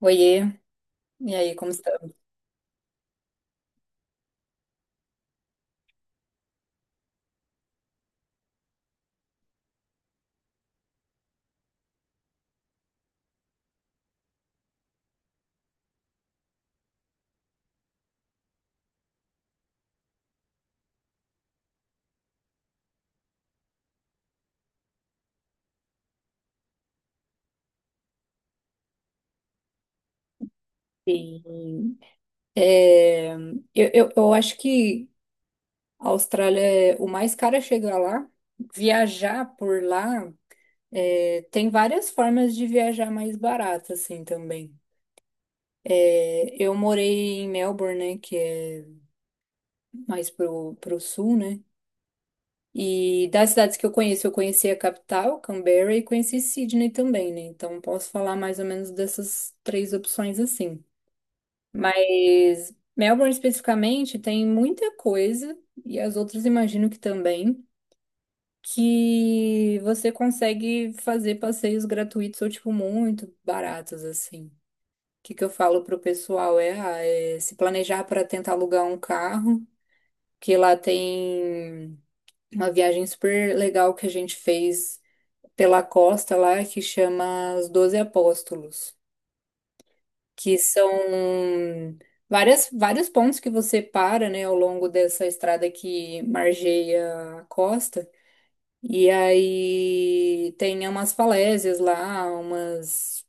Oiê, e aí, como estamos? Sim. É, eu acho que a Austrália é o mais caro é chegar lá. Viajar por lá, tem várias formas de viajar mais barato, assim, também. Eu morei em Melbourne, né, que é mais pro sul, né? E das cidades que eu conheço, eu conheci a capital, Canberra, e conheci Sydney também, né? Então, posso falar mais ou menos dessas três opções, assim. Mas Melbourne especificamente tem muita coisa, e as outras imagino que também, que você consegue fazer passeios gratuitos ou, tipo, muito baratos, assim. O que que eu falo pro pessoal é, é se planejar para tentar alugar um carro, que lá tem uma viagem super legal que a gente fez pela costa lá, que chama Os 12 Apóstolos. Que são várias, vários pontos que você para, né, ao longo dessa estrada que margeia a costa. E aí tem umas falésias lá, umas,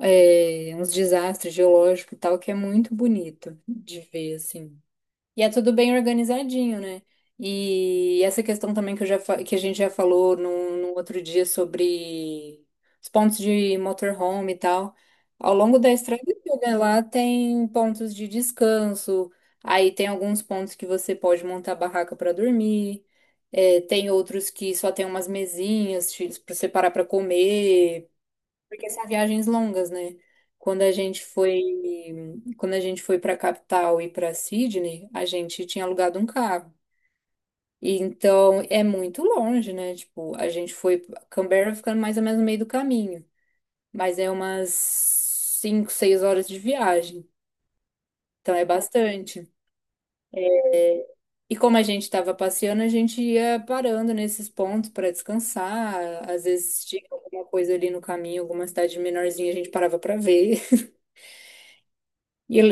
é, uns desastres geológicos e tal, que é muito bonito de ver, assim. E é tudo bem organizadinho, né? E essa questão também que, que a gente já falou num outro dia sobre os pontos de motorhome e tal. Ao longo da estrada toda lá tem pontos de descanso, aí tem alguns pontos que você pode montar barraca para dormir, tem outros que só tem umas mesinhas para você parar para comer. Porque são viagens longas, né? Quando a gente foi, quando a gente foi para capital e para Sydney, a gente tinha alugado um carro. E então é muito longe, né? Tipo, a gente foi Canberra ficando mais ou menos no meio do caminho, mas é umas 5, 6 horas de viagem. Então é bastante. E como a gente estava passeando, a gente ia parando nesses pontos para descansar, às vezes tinha alguma coisa ali no caminho, alguma cidade menorzinha, a gente parava para ver. E eu,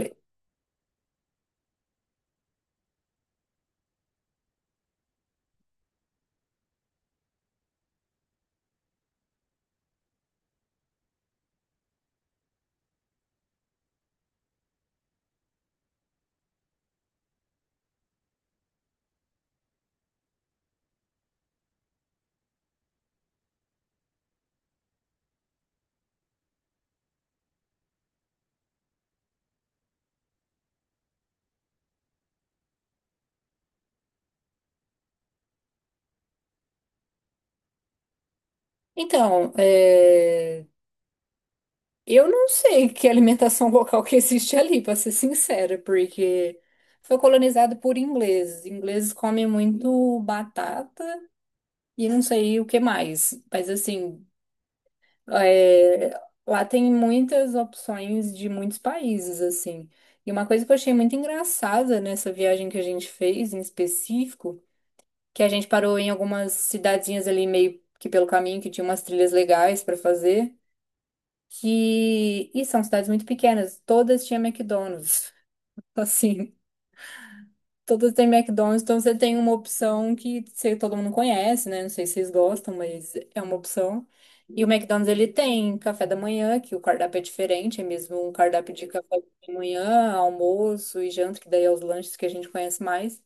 Então, eu não sei que alimentação local que existe ali, para ser sincera, porque foi colonizado por ingleses. Ingleses comem muito batata e não sei o que mais. Mas assim, é, lá tem muitas opções de muitos países, assim. E uma coisa que eu achei muito engraçada nessa viagem que a gente fez, em específico, que a gente parou em algumas cidadezinhas ali meio que pelo caminho que tinha umas trilhas legais para fazer. Que. E são cidades muito pequenas, todas tinham McDonald's. Assim, todas têm McDonald's, então você tem uma opção que sei, todo mundo conhece, né? Não sei se vocês gostam, mas é uma opção. E o McDonald's ele tem café da manhã, que o cardápio é diferente, é mesmo um cardápio de café da manhã, almoço e janta, que daí é os lanches que a gente conhece mais.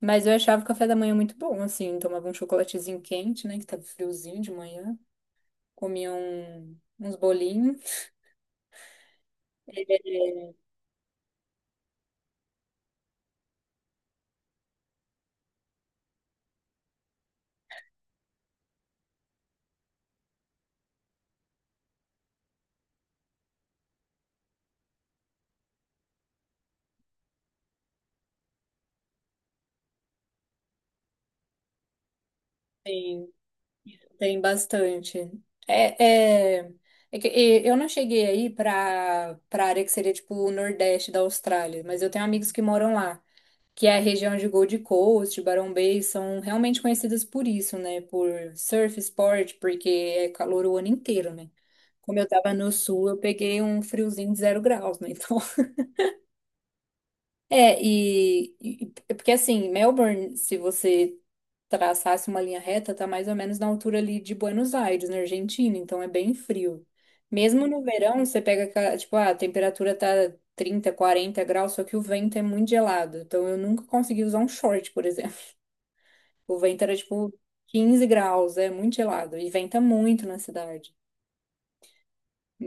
Mas eu achava o café da manhã muito bom, assim, tomava um chocolatezinho quente, né, que tava friozinho de manhã, comia uns bolinhos. É, Tem bastante. É, é, é que eu não cheguei aí para área que seria tipo o Nordeste da Austrália, mas eu tenho amigos que moram lá, que é a região de Gold Coast, Barão Bay, são realmente conhecidas por isso, né? Por surf sport, porque é calor o ano inteiro, né? Como eu tava no sul, eu peguei um friozinho de 0 graus, né? Então, porque assim, Melbourne, se você traçasse uma linha reta, tá mais ou menos na altura ali de Buenos Aires, na Argentina, então é bem frio. Mesmo no verão, você pega, a temperatura tá 30, 40 graus, só que o vento é muito gelado. Então eu nunca consegui usar um short, por exemplo. O vento era tipo 15 graus, é muito gelado e venta muito na cidade.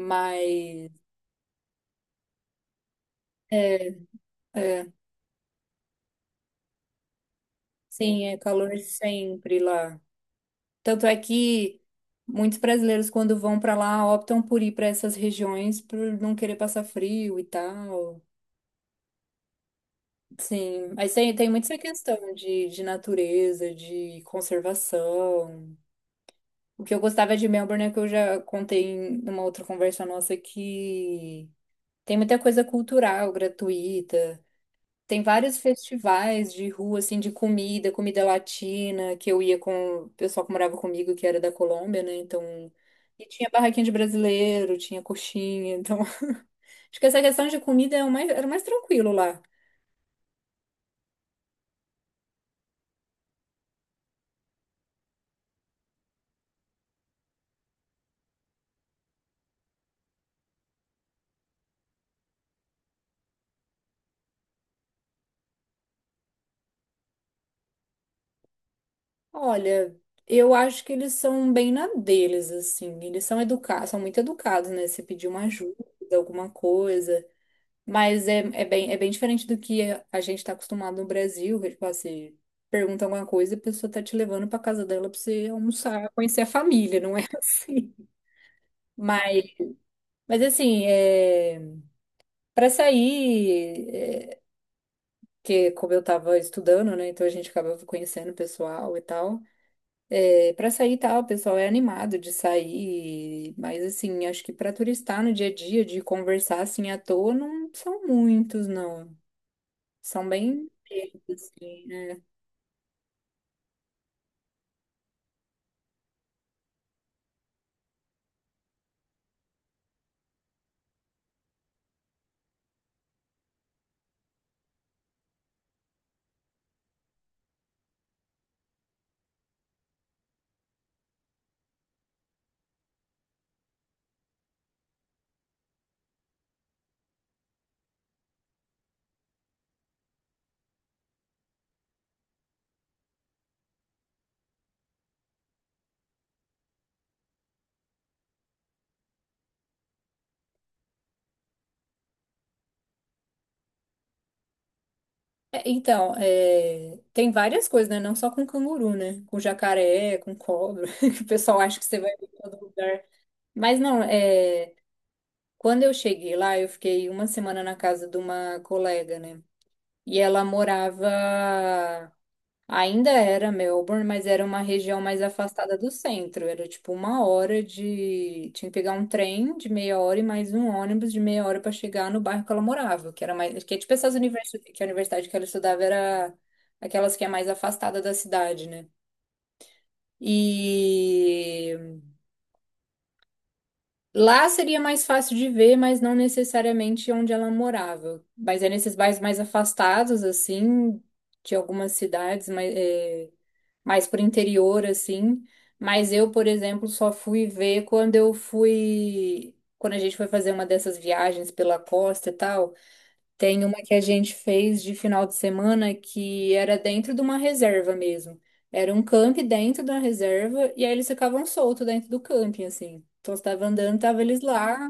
Mas é, é, sim, é calor sempre lá. Tanto é que muitos brasileiros, quando vão para lá, optam por ir para essas regiões por não querer passar frio e tal. Sim, mas tem muito essa questão de natureza, de conservação. O que eu gostava de Melbourne é que eu já contei em uma outra conversa nossa que tem muita coisa cultural, gratuita. Tem vários festivais de rua, assim, de comida, comida latina, que eu ia com o pessoal que morava comigo, que era da Colômbia, né? Então. E tinha barraquinha de brasileiro, tinha coxinha. Então, acho que essa questão de comida é o mais, era o mais tranquilo lá. Olha, eu acho que eles são bem na deles, assim. Eles são educados, são muito educados, né? Se pedir uma ajuda, alguma coisa. Mas é bem diferente do que a gente está acostumado no Brasil, que, tipo assim, pergunta alguma coisa e a pessoa tá te levando para casa dela para você almoçar, conhecer a família, não é assim. Mas, mas assim, para sair, que como eu tava estudando, né, então a gente acabava conhecendo o pessoal e tal. É, para sair e tal, o pessoal é animado de sair, mas assim, acho que para turistar no dia a dia, de conversar assim à toa, não são muitos, não. São bem poucos, assim. Então, tem várias coisas, né? Não só com canguru, né? Com jacaré, com cobra, que o pessoal acha que você vai ver em todo lugar. Mas não, quando eu cheguei lá, eu fiquei uma semana na casa de uma colega, né? E ela morava ainda era Melbourne, mas era uma região mais afastada do centro. Era tipo uma hora de. Tinha que pegar um trem de meia hora e mais um ônibus de meia hora para chegar no bairro que ela morava, que era mais. Que é tipo essas universidades, que a universidade que ela estudava era aquelas que é mais afastada da cidade, né? E lá seria mais fácil de ver, mas não necessariamente onde ela morava. Mas é nesses bairros mais afastados, assim, de algumas cidades, mas. Mais pro interior, assim. Mas eu, por exemplo, só fui ver quando eu fui. Quando a gente foi fazer uma dessas viagens pela costa e tal, tem uma que a gente fez de final de semana que era dentro de uma reserva mesmo. Era um camping dentro da reserva e aí eles ficavam soltos dentro do camping, assim. Então, você tava andando, tava eles lá,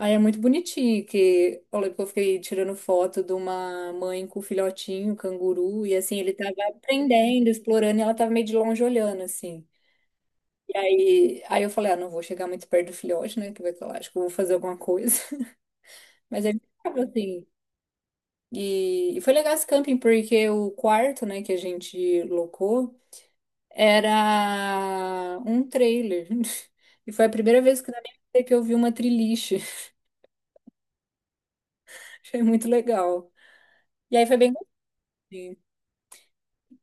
aí é muito bonitinho, que eu lembro que eu fiquei tirando foto de uma mãe com um filhotinho, canguru, e assim, ele tava aprendendo, explorando, e ela tava meio de longe olhando, assim. E aí eu falei, ah, não vou chegar muito perto do filhote, né, que vai que acho que eu vou fazer alguma coisa. Mas ele tava assim. E foi legal esse camping, porque o quarto, né, que a gente locou, era um trailer. E foi a primeira vez que na minha vida que eu vi uma triliche. Achei muito legal. E aí foi bem gostoso.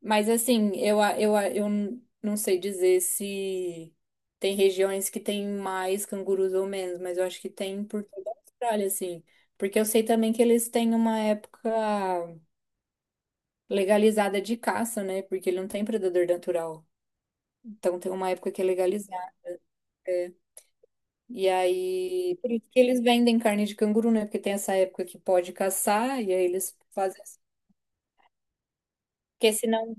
Mas assim, eu, a- eu, a- eu n- não sei dizer se tem regiões que tem mais cangurus ou menos, mas eu acho que tem por toda a Austrália, assim. Porque eu sei também que eles têm uma época legalizada de caça, né? Porque ele não tem predador natural. Então tem uma época que é legalizada. E aí, por isso que eles vendem carne de canguru, né? Porque tem essa época que pode caçar, e aí eles fazem assim. Porque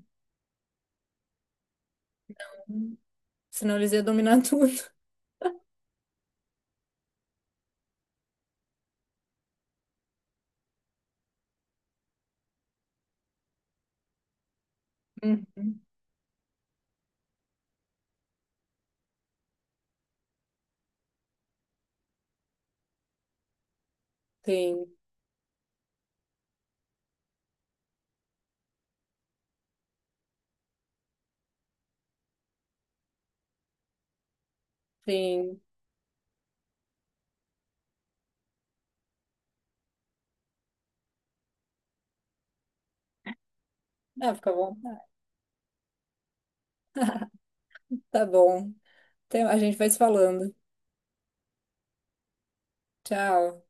senão eles iam dominar tudo. Uhum. Sim, sim. Ah, fica bom. Tá bom. Então, a gente vai se falando. Tchau.